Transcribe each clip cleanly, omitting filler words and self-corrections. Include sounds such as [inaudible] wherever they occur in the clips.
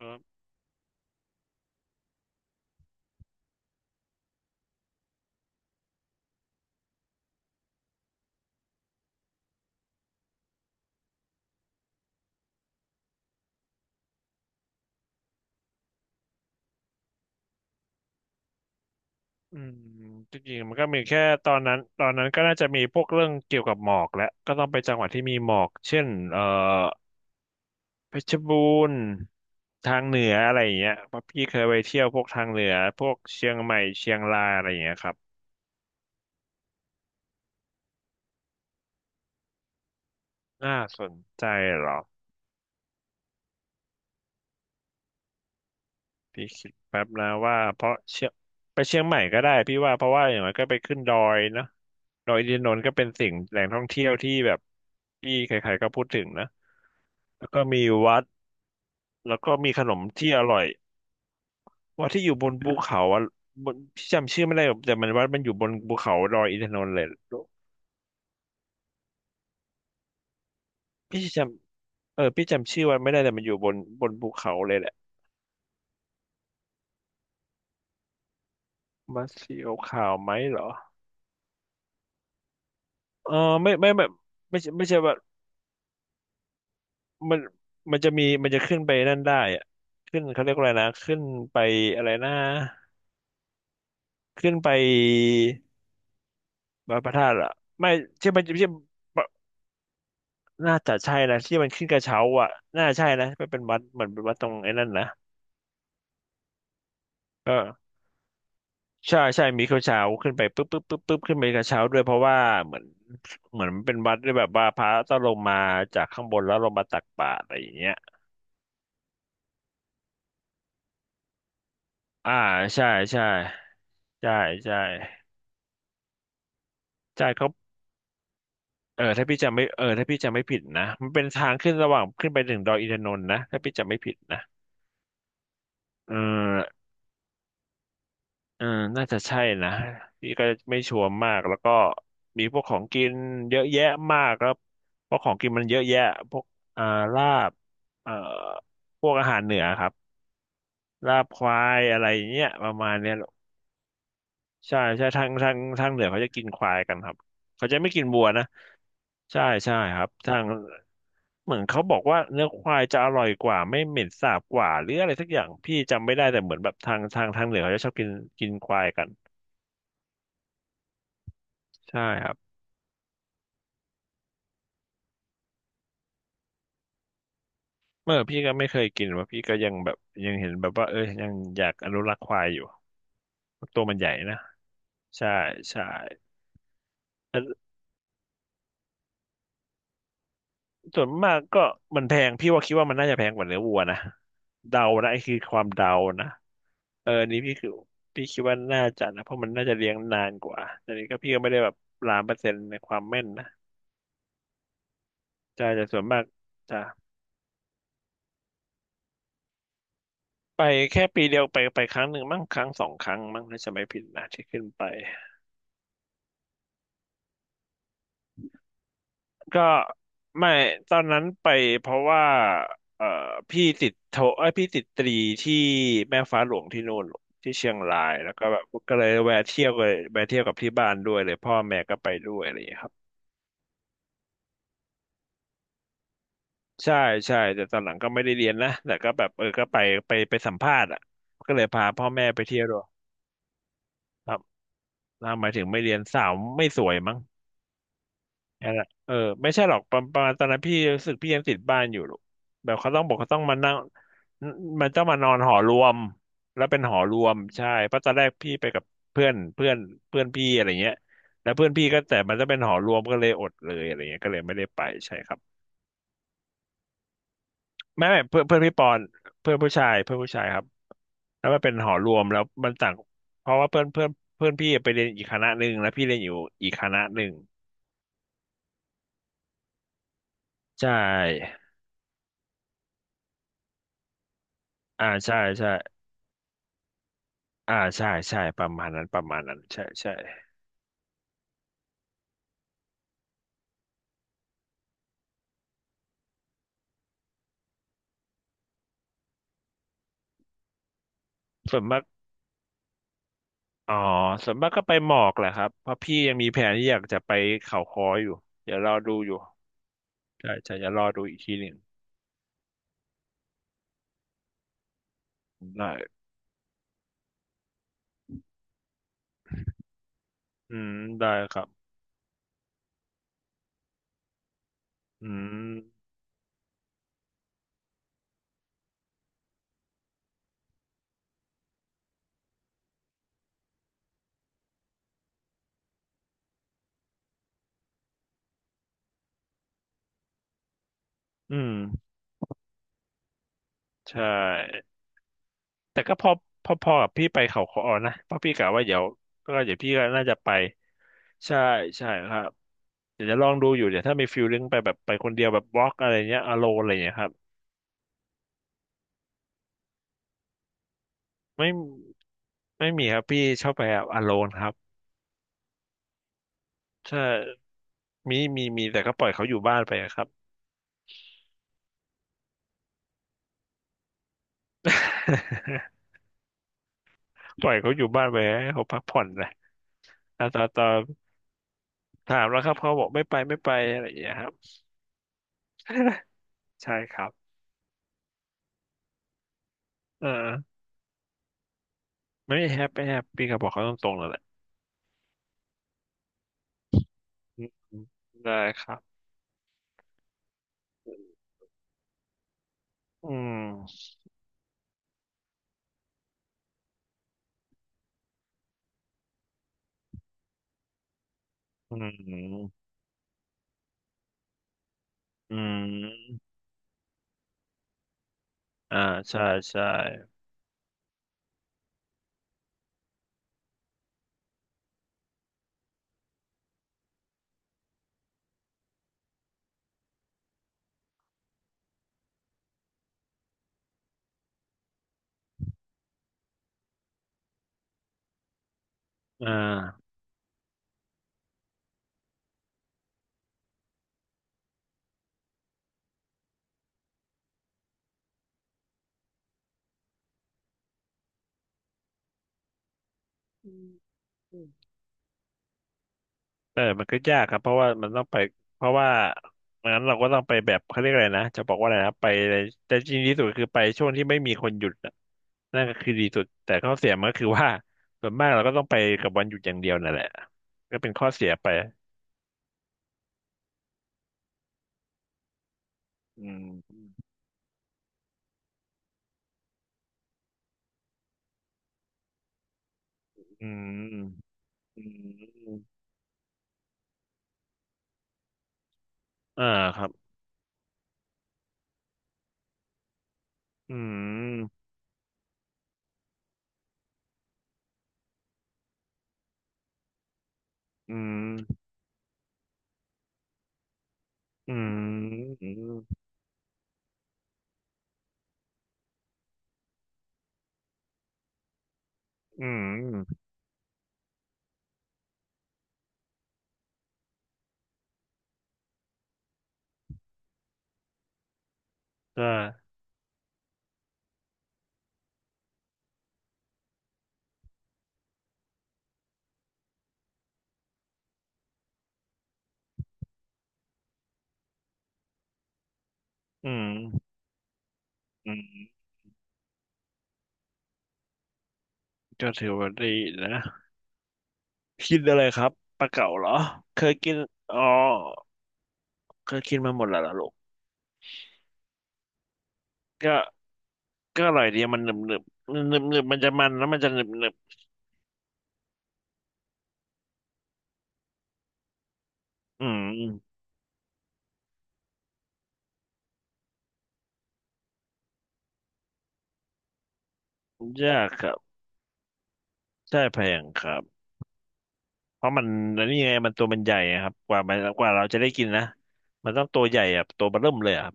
ครับอืมจริงๆมันก็มีแค่ตอนนั้นก็น่าจะมีพวกเรื่องเกี่ยวกับหมอกแหละก็ต้องไปจังหวัดที่มีหมอกเช่นเพชรบูรณ์ทางเหนืออะไรอย่างเงี้ยเพราะพี่เคยไปเที่ยวพวกทางเหนือพวกเชียงใหม่เชียงรายอะไรอย่างเงี้ยครับน่าสนใจเหรอพี่คิดแป๊บนะว่าเพราะเชียงไปเชียงใหม่ก็ได้พี่ว่าเพราะว่าอย่างไรก็ไปขึ้นดอยเนอะดอยอินทนนท์ก็เป็นสิ่งแหล่งท่องเที่ยวที่แบบที่ใครๆก็พูดถึงนะแล้วก็มีวัด แล้วก็มีขนมที่อร่อยว่าที่อยู่บนภูเขาอ่ะบนพี่จำชื่อไม่ได้หรอกแต่มันว่ามันอยู่บนภูเขาดอยอินทนนท์เลยพี่จพี่จำชื่อวันไม่ได้แต่มันอยู่บนบนภูเขาเลยแหละมาเสียวขาวไหมเหรอเออไม่ไม่ไม่ไม่ใช่ไม่ใช่ว่ามันมันจะมีมันจะขึ้นไปนั่นได้อะขึ้นเขาเรียกว่าอะไรนะขึ้นไปอะไรนะขึ้นไปพระธาตุเหรอไม่ใช่ไม่ใช่ไม่ใช่ น่าจะใช่นะที่มันขึ้นกระเช้าอ่ะน่าใช่นะมันเป็นวัดเหมือนเป็นวัดตรงไอ้นั่นนะเออใช่ใช่มีกระเช้าขึ้นไปปุ๊บปุ๊บปุ๊บปุ๊บขึ้นไปกระเช้าด้วยเพราะว่าเหมือนเหมือนมันเป็นวัดด้วยแบบว่าพระต้องลงมาจากข้างบนแล้วลงมาตักบาตรอะไรอย่างเงี้ยอ่าใช่ใช่ใช่ใช่ใช่เขาถ้าพี่จำไม่ผิดนะมันเป็นทางขึ้นระหว่างขึ้นไปถึงดอยอินทนนท์นะถ้าพี่จำไม่ผิดนะเออ น่าจะใช่นะพี่ก็ไม่ชัวร์มากแล้วก็มีพวกของกินเยอะแยะมากครับเพราะของกินมันเยอะแยะพวกอ่าลาบเอ่อพวกอาหารเหนือครับลาบควายอะไรอย่างเงี้ยประมาณเนี้ยหรอกใช่ใช่ทางเหนือเขาจะกินควายกันครับเขาจะไม่กินวัวนะใช่ใช่ครับทางเหมือนเขาบอกว่าเนื้อควายจะอร่อยกว่าไม่เหม็นสาบกว่าหรืออะไรสักอย่างพี่จำไม่ได้แต่เหมือนแบบทางเหนือเขาจะชอบกินกินควายกันใช่ครับ เมื่อพี่ก็ไม่เคยกินว่าพี่ก็ยังแบบยังเห็นแบบว่าเออยังอยากอนุรักษ์ควายอยู่ตัวมันใหญ่นะใช่ใช่แต่ส่วนมากก็มันแพงพี่ว่าคิดว่ามันน่าจะแพงกว่าเนื้อวัวนะเดานะไอ้คือความเดานะเอออันนี้พี่คือพี่คิดว่าน่าจะนะเพราะมันน่าจะเลี้ยงนานกว่าแต่นี้ก็พี่ก็ไม่ได้แบบล้านเปอร์เซ็นต์ในความแม่นนะใช่แต่ส่วนมากจะไปแค่ปีเดียวไปครั้งหนึ่งมั้งครั้งสองครั้งมั้งถ้าจะไม่ผิดนะที่ขึ้นไป ก็ไม่ตอนนั้นไปเพราะว่าเอ่อพี่ติดโทเอ้ยพี่ติดตรีที่แม่ฟ้าหลวงที่นู่นที่เชียงรายแล้วก็แบบก็เลยแวะเที่ยวเลยแวะเที่ยวกับที่บ้านด้วยเลยพ่อแม่ก็ไปด้วยอะไรอย่างเงี้ยครับใช่ใช่แต่ตอนหลังก็ไม่ได้เรียนนะแต่ก็แบบเออก็ไปไปสัมภาษณ์อ่ะก็เลยพาพ่อแม่ไปเที่ยวด้วยครับนะหมายถึงไม่เรียนสาวไม่สวยมั้ง นั่นแหละเออไม่ใช่หรอกประมาณตอนนั้นพี่รู้สึกพี่ยังติดบ้านอยู่หรอกแบบเขาต้องบอกเขาต้องมานั่งมันต้องมานอนหอรวมแล้วเป็นหอรวมใช่เพราะตอนแรกพี่ไปกับเพื่อนเพื่อนเพื่อนพี่อะไรเงี้ยแล้วเพื่อนพี่ก็แต่มันจะเป็นหอรวมก็เลยอดเลยอะไรเงี้ยก็เลยไม่ได้ไปใช่ครับไม่ไม่เพื่อนเพื่อนพี่ปอนเพื่อนผู้ชายเพื่อนผู้ชายครับแล้วมันเป็นหอรวมแล้วมันต่างเพราะว่าเพื่อนเพื่อนเพื่อนพี่ไปเรียนอีกคณะหนึ่งแล้วพี่เรียนอยู่อีกคณะหนึ่งใช่อ่าใช่ใช่ อ่าใช่ใช่ประมาณนั้นประมาณนั้นใช่ใช่ส่วนมากอ๋อส่วนมากก็ไปหมอกแหละครับเพราะพี่ยังมีแผนที่อยากจะไปเขาค้ออยู่เดี๋ยวรอดูอยู่ใช่ใช่เดี๋ยวรอดูอีกทีหนึ่งได้อืมได้ครับอืมอืมใช่แต่ก็พอพอกับพี่ไปเขาค้อนะเพราะพี่กะว่าเดี๋ยวก็เดี๋ยวพี่ก็น่าจะไปใช่ใช่ครับเดี๋ยวจะลองดูอยู่เดี๋ยวถ้ามีฟิลลิ่งไปแบบไปคนเดียวแบบบล็อกอะไรเงี้ยอโลนอะไรเงี้ยครับไม่ไม่มีครับพี่ชอบไปแบบอโลนครับ ใช่มีมีมีแต่ก็ปล่อยเขาอยู่บ้านไปอะครับ [laughs] ปล่อยเขาอยู่บ้านไปให้เขาพักผ่อนนะอ่ะตอนถามแล้วครับเขาบอกไม่ไปไม่ไปอะไรอย่างเงี้ยครับ [laughs] ใช่ครับเออไม่แฮปไม่แฮปปี้ครับบอกเขาตรงๆเลยแหละอืมได้ครับอืมอืมอืมอ่าใช่ใช่อ่า เออมันก็ยากครับเพราะว่ามันต้องไปเพราะว่างั้นเราก็ต้องไปแบบเขาเรียกอะไรนะจะบอกว่าอะไรนะไปในแต่จริงที่สุดคือไปช่วงที่ไม่มีคนหยุดน่ะนั่นก็คือดีสุด แต่ข้อเสียมันก็คือว่าส่วนมากเราก็ต้องไปกับวันหยุดอย่างเดียวนั่นแหละก็เป็นข้อเสียไปอืมอืมอืมอ่าครับอืมอืมอืมอืมอืมก็อืมอืมก็ถือว่าดีนะ กินอะไรครับปลาเก๋าเหรอเคยกินอ๋อเคยกินมาหมดแล้วเหรอลูกก็ก็อร่อยดีมันหนึบหนึบหนึบหนึบมันจะมันแล้วมันจะหนึบหนึบอืมยากครับใช่แพงครับเพราะมันอันนี่ไงมันตัวมันใหญ่อะครับกว่ามันกว่าเราจะได้กินนะมันต้องตัวใหญ่อะตัวเบอเริ่มเลยอะครับ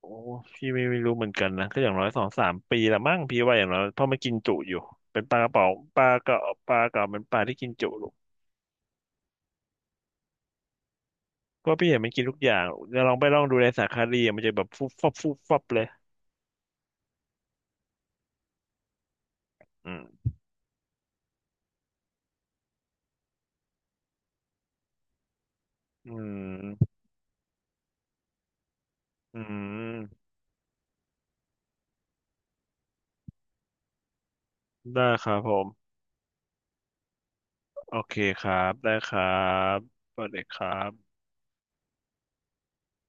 โอ้พี่ไม่ไม่รู้เหมือนกันนะก็อย่างน้อย2-3 ปีละมั้งพี่ว่าอย่างน้อยเพราะมันกินจุอยู่เป็นปลากระเป๋าปลากระปลาเก๋าเป็นปลาที่กินจุ เพราะพี่เห็นมันกินทุกอย่างจะวลองไปลองดูในสารคดีอะมันจะแบบฟุบฟับฟุบฟับเลยอืมอืมอืมได้ครับผมโอเคครับได้ครับสวัสดีครับ